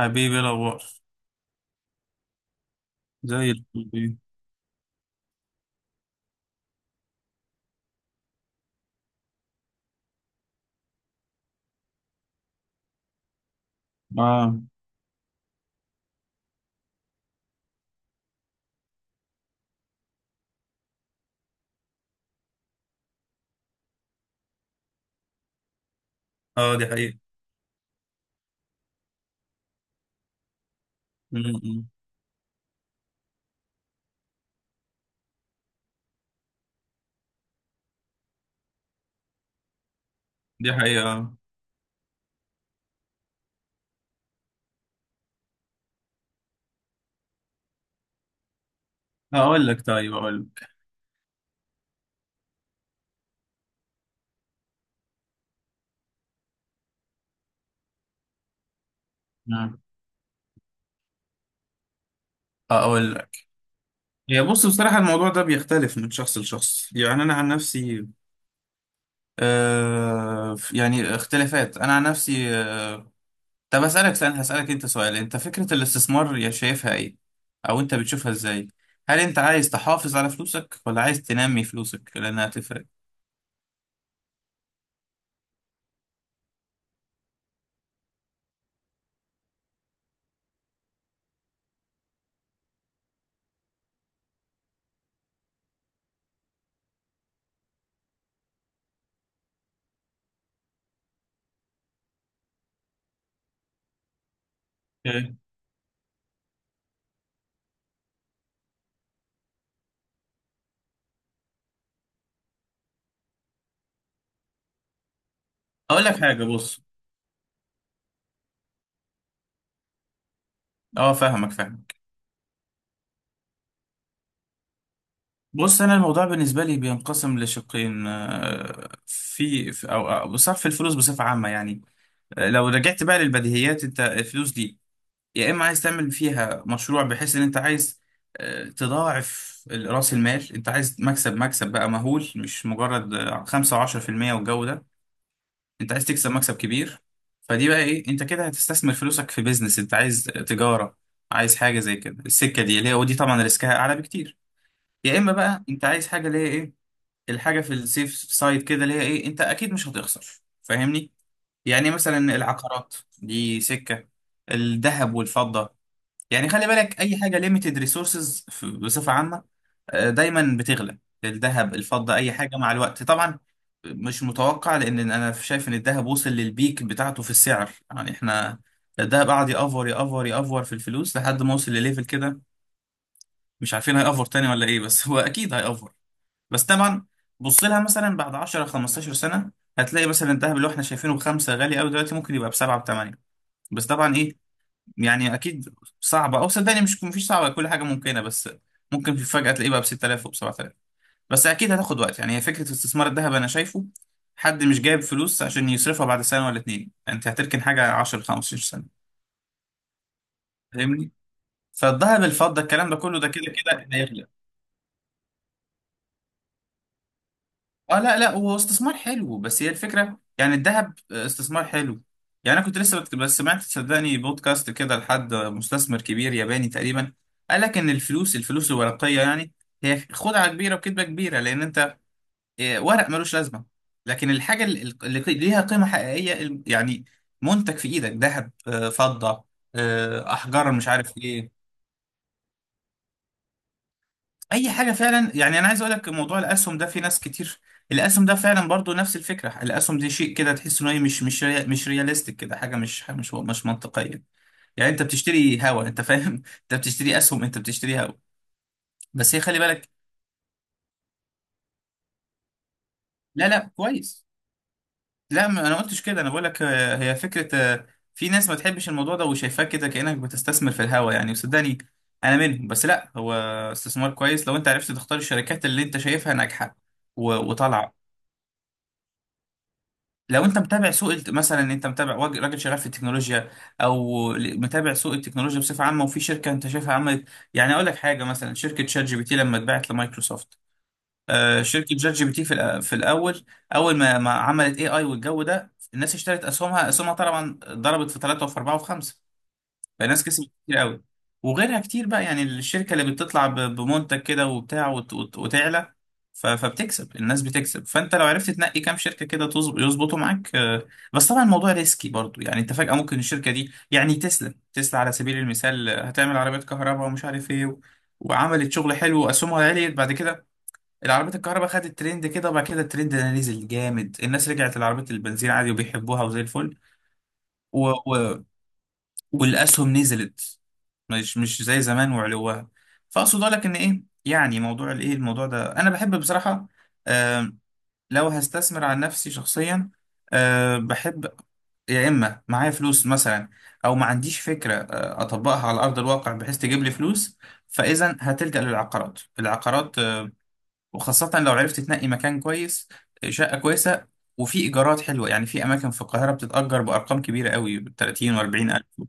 حبيبي إيه الاخبار. زي الفل. اه اه دي حقيقة. م-م. دي حقيقة آه. اقول لك، طيب اقول لك آه. اقول لك، هي بص بصراحة الموضوع ده بيختلف من شخص لشخص، يعني انا عن نفسي آه، يعني اختلافات انا عن نفسي آه. طب اسالك سؤال، هسالك انت سؤال، انت فكرة الاستثمار يا شايفها ايه؟ او انت بتشوفها ازاي؟ هل انت عايز تحافظ على فلوسك ولا عايز تنمي فلوسك؟ لانها هتفرق. أوكي. اقول لك حاجة، بص. اه فاهمك. بص انا الموضوع بالنسبه لي بينقسم لشقين، في او أو صرف الفلوس بصفه عامه، يعني لو رجعت بقى للبديهيات، انت الفلوس دي يا اما عايز تعمل فيها مشروع، بحيث ان انت عايز تضاعف راس المال، انت عايز مكسب بقى مهول، مش مجرد 5 و10% والجو ده. انت عايز تكسب مكسب كبير، فدي بقى ايه، انت كده هتستثمر فلوسك في بيزنس، انت عايز تجاره، عايز حاجه زي كده السكه دي اللي هي، ودي طبعا ريسكها اعلى بكتير. يا اما بقى انت عايز حاجه اللي هي إيه، الحاجة في السيف سايد كده، اللي هي ايه، انت اكيد مش هتخسر، فاهمني؟ يعني مثلا العقارات دي سكة. الذهب والفضة، يعني خلي بالك، اي حاجة ليميتد ريسورسز بصفة عامة، دايما بتغلى. الذهب، الفضة، اي حاجة مع الوقت طبعا. مش متوقع، لان انا شايف ان الذهب وصل للبيك بتاعته في السعر، يعني احنا الذهب قعد يأفور يأفور يأفور في الفلوس لحد ما وصل لليفل كده، مش عارفين هيأفور تاني ولا ايه، بس هو اكيد هيأفور. بس طبعا بص لها مثلا، بعد 10 15 سنه هتلاقي مثلا الذهب اللي احنا شايفينه بخمسه غالي قوي دلوقتي، ممكن يبقى بسبعه بثمانيه. بس طبعا ايه، يعني اكيد صعبه، او صدقني مش مفيش صعبه، كل حاجه ممكنه، بس ممكن في فجاه تلاقيه بقى ب 6000 وب 7000. بس اكيد هتاخد وقت، يعني هي فكره استثمار الذهب انا شايفه، حد مش جايب فلوس عشان يصرفها بعد سنه ولا اتنين، يعني انت هتركن حاجه 10 15 سنه، فاهمني؟ فالذهب الفضه الكلام ده كله، ده كده كده هيغلى. اه لا لا، هو استثمار حلو، بس هي الفكره، يعني الذهب استثمار حلو. يعني انا كنت لسه بت- بس سمعت صدقني بودكاست كده لحد مستثمر كبير ياباني تقريبا، قال لك ان الفلوس الورقيه يعني هي خدعه كبيره وكذبه كبيره، لان انت ورق ملوش لازمه. لكن الحاجه اللي ليها قيمه حقيقيه، يعني منتج في ايدك، ذهب، فضه، احجار، مش عارف ايه. اي حاجه فعلا. يعني انا عايز اقول لك موضوع الاسهم ده، في ناس كتير الاسهم ده فعلا برضو نفس الفكره، الاسهم دي شيء كده تحس انه إيه، مش رياليستيك كده، حاجه مش منطقيه، يعني انت بتشتري هوا، انت فاهم، انت بتشتري اسهم انت بتشتري هوا. بس هي خلي بالك. لا لا كويس. لا ما انا قلتش كده، انا بقول لك هي فكره. في ناس ما تحبش الموضوع ده وشايفاه كده، كانك بتستثمر في الهوا، يعني وصدقني انا منهم، بس لا هو استثمار كويس لو انت عرفت تختار الشركات اللي انت شايفها ناجحه وطالعه. لو انت متابع سوق مثلا، ان انت متابع راجل شغال في التكنولوجيا، او متابع سوق التكنولوجيا بصفه عامه، وفي شركه انت شايفها عملت، يعني اقول لك حاجه، مثلا شركه شات جي بي تي لما اتباعت لمايكروسوفت، شركه شات جي بي تي في في الاول، اول ما عملت اي اي والجو ده، الناس اشترت اسهمها طبعا ضربت في ثلاثه وفي اربعه وفي خمسه، فالناس كسبت كتير قوي. وغيرها كتير بقى، يعني الشركة اللي بتطلع بمنتج كده وبتاع وتعلى، فبتكسب، الناس بتكسب، فانت لو عرفت تنقي كام شركة كده يظبطوا معاك. بس طبعا الموضوع ريسكي برضو، يعني انت فجأة ممكن الشركة دي يعني، تسلا على سبيل المثال، هتعمل عربيات كهرباء ومش عارف ايه، وعملت شغل حلو واسهمها عليت، بعد كده العربيات الكهرباء خدت ترند كده، وبعد كده الترند ده نزل جامد، الناس رجعت لعربيات البنزين عادي وبيحبوها وزي الفل، والاسهم نزلت، مش زي زمان وعلوها. فاقصد لك ان ايه، يعني موضوع الايه، الموضوع ده انا بحب بصراحه. آم، لو هستثمر عن نفسي شخصيا، بحب يا اما معايا فلوس مثلا، او ما عنديش فكره اطبقها على ارض الواقع بحيث تجيب لي فلوس، فاذا هتلجأ للعقارات. العقارات وخاصه لو عرفت تنقي مكان كويس، شقه كويسه، وفي ايجارات حلوه، يعني في اماكن في القاهره بتتأجر بارقام كبيره قوي، 30 و40 الف.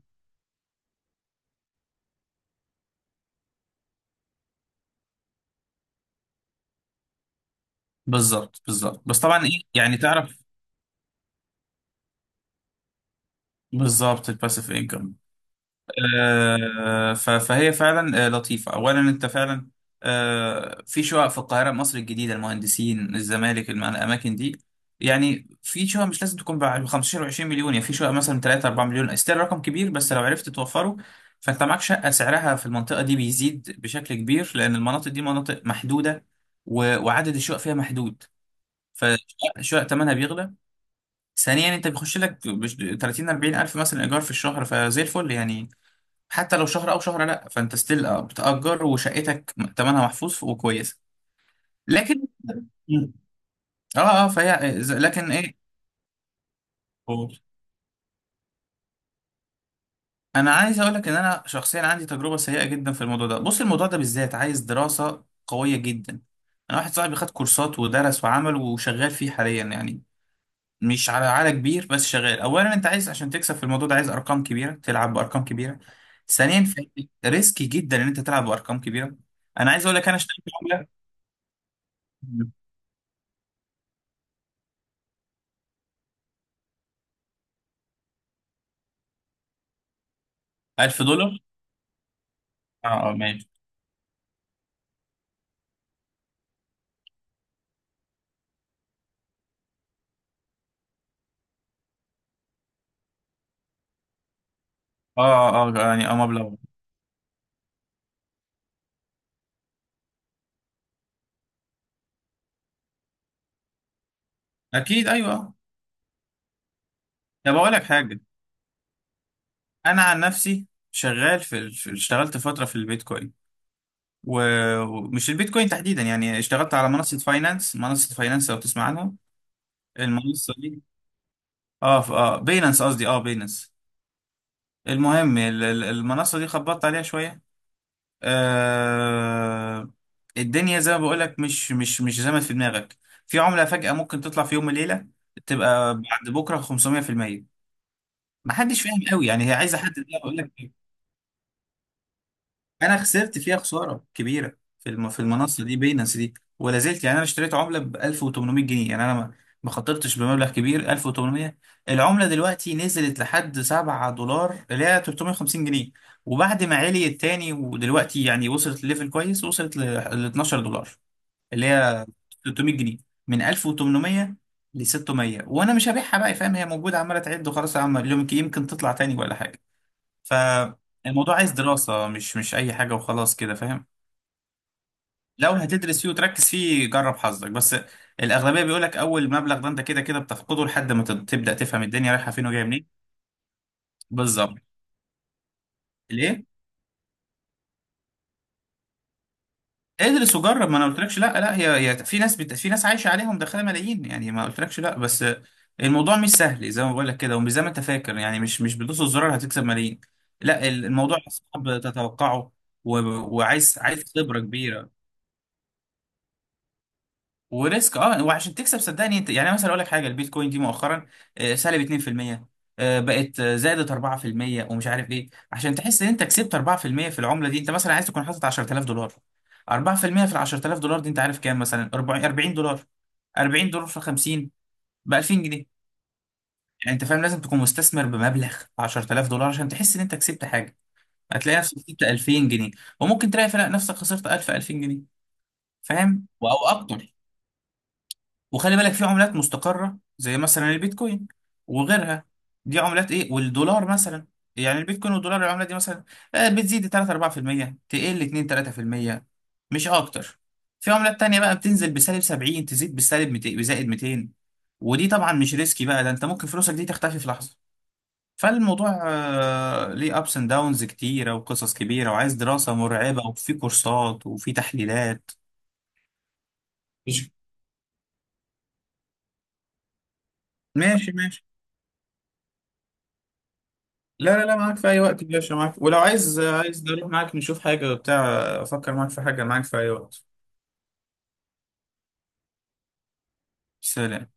بالظبط. بس طبعا ايه، يعني تعرف. بالظبط، الباسيف انكم. آه فهي فعلا آه لطيفه. اولا انت فعلا في شقق في القاهره، مصر الجديده، المهندسين، الزمالك، الاماكن دي، يعني في شقق مش لازم تكون ب 15 و20 مليون، يعني في شقق مثلا 3 4 مليون، استيل رقم كبير بس لو عرفت توفره، فانت معاك شقه سعرها في المنطقه دي بيزيد بشكل كبير، لان المناطق دي مناطق محدوده وعدد الشقق فيها محدود، فشقق ثمنها بيغلى. ثانيا انت بيخش لك 30 40 الف مثلا ايجار في الشهر، فزي الفل يعني، حتى لو شهر او شهر لا، فانت ستيل بتأجر وشقتك تمنها محفوظ وكويسه. لكن اه اه فهي لكن ايه. قول. انا عايز اقول لك ان انا شخصيا عندي تجربه سيئه جدا في الموضوع ده. بص الموضوع ده بالذات عايز دراسه قويه جدا، انا واحد صاحبي خد كورسات ودرس وعمل وشغال فيه حاليا، يعني مش على كبير بس شغال. اولا انت عايز، عشان تكسب في الموضوع ده عايز ارقام كبيره، تلعب بارقام كبيره. ثانيا ريسكي جدا ان انت تلعب بارقام كبيره. انا عايز اقول لك، انا اشتريت عمله 1000 دولار. اه اه ماشي. اه اه يعني اه مبلغ. اكيد ايوه آه. طب اقول لك حاجه، انا عن نفسي شغال في اشتغلت فتره في البيتكوين، ومش البيتكوين تحديدا، يعني اشتغلت على منصه فاينانس، منصه فاينانس لو تسمع عنها المنصه دي. اه اه بينانس قصدي، اه بينانس. المهم المنصة دي خبطت عليها شوية آه. الدنيا زي ما بقولك، مش زي ما في دماغك، في عملة فجأة ممكن تطلع في يوم وليلة، تبقى بعد بكرة 500%، محدش فاهم قوي، يعني هي عايزة حد يقول لك. انا خسرت فيها خساره كبيره في المنصه دي، بينانس دي، ولا زلت. يعني انا اشتريت عمله ب 1800 جنيه، يعني انا ما خطرتش بمبلغ كبير، 1800. العمله دلوقتي نزلت لحد 7 دولار، اللي هي 350 جنيه، وبعد ما عليت تاني ودلوقتي يعني وصلت لليفل كويس، وصلت ل 12 دولار، اللي هي 300 جنيه، من 1800 ل 600، وانا مش هبيعها بقى، فاهم؟ هي موجوده عماله تعد، وخلاص يا عم، يمكن تطلع تاني ولا حاجه. فالموضوع عايز دراسة، مش أي حاجة وخلاص كده، فاهم. لو هتدرس فيه وتركز فيه، جرب حظك، بس الأغلبية بيقولك أول مبلغ ده أنت كده كده بتفقده، لحد ما تبدأ تفهم الدنيا رايحة فين وجاية منين. بالظبط. ليه؟ ادرس وجرب، ما أنا قلتلكش لا لا، هي هي في ناس في ناس عايشة عليهم دخلها ملايين، يعني ما قلتلكش لا، بس الموضوع مش سهل زي ما بقولك كده، ومش زي ما أنت فاكر، يعني مش بتدوس الزرار هتكسب ملايين، لا الموضوع صعب تتوقعه، و... وعايز، عايز خبرة كبيرة، وريسك اه. وعشان تكسب صدقني انت، يعني مثلا اقول لك حاجه، البيتكوين دي مؤخرا سالب 2%، آه، بقت آه، زادت 4% ومش عارف ايه، عشان تحس ان انت كسبت 4% في المية في العمله دي، انت مثلا عايز تكون حاطط 10,000 دولار. 4% في المية في ال 10,000 دولار دي انت عارف كام مثلا؟ 40 دولار، 40 دولار في 50، ب 2000 جنيه، يعني انت فاهم، لازم تكون مستثمر بمبلغ 10,000 دولار عشان تحس ان انت كسبت حاجه، هتلاقي نفسك كسبت 2000 جنيه. وممكن تلاقي فلا نفسك خسرت 1000 2000 جنيه، فاهم او اكتر. وخلي بالك في عملات مستقرة زي مثلا البيتكوين وغيرها، دي عملات ايه، والدولار مثلا، يعني البيتكوين والدولار، العملة دي مثلا بتزيد 3 4%، تقل 2 3%، مش اكتر. في عملات تانية بقى بتنزل بسالب 70، تزيد بالسالب 200، بزائد 200، ودي طبعا مش ريسكي بقى، ده انت ممكن فلوسك دي تختفي في لحظة. فالموضوع ليه ابس اند داونز كتيرة وقصص كبيرة، وعايز دراسة مرعبة، وفي كورسات وفي تحليلات. مش. ماشي. لا لا لا، معاك في اي وقت يا باشا، معاك، ولو عايز، عايز اروح معاك نشوف حاجه بتاع، افكر معاك في حاجه، معاك في اي وقت. سلام.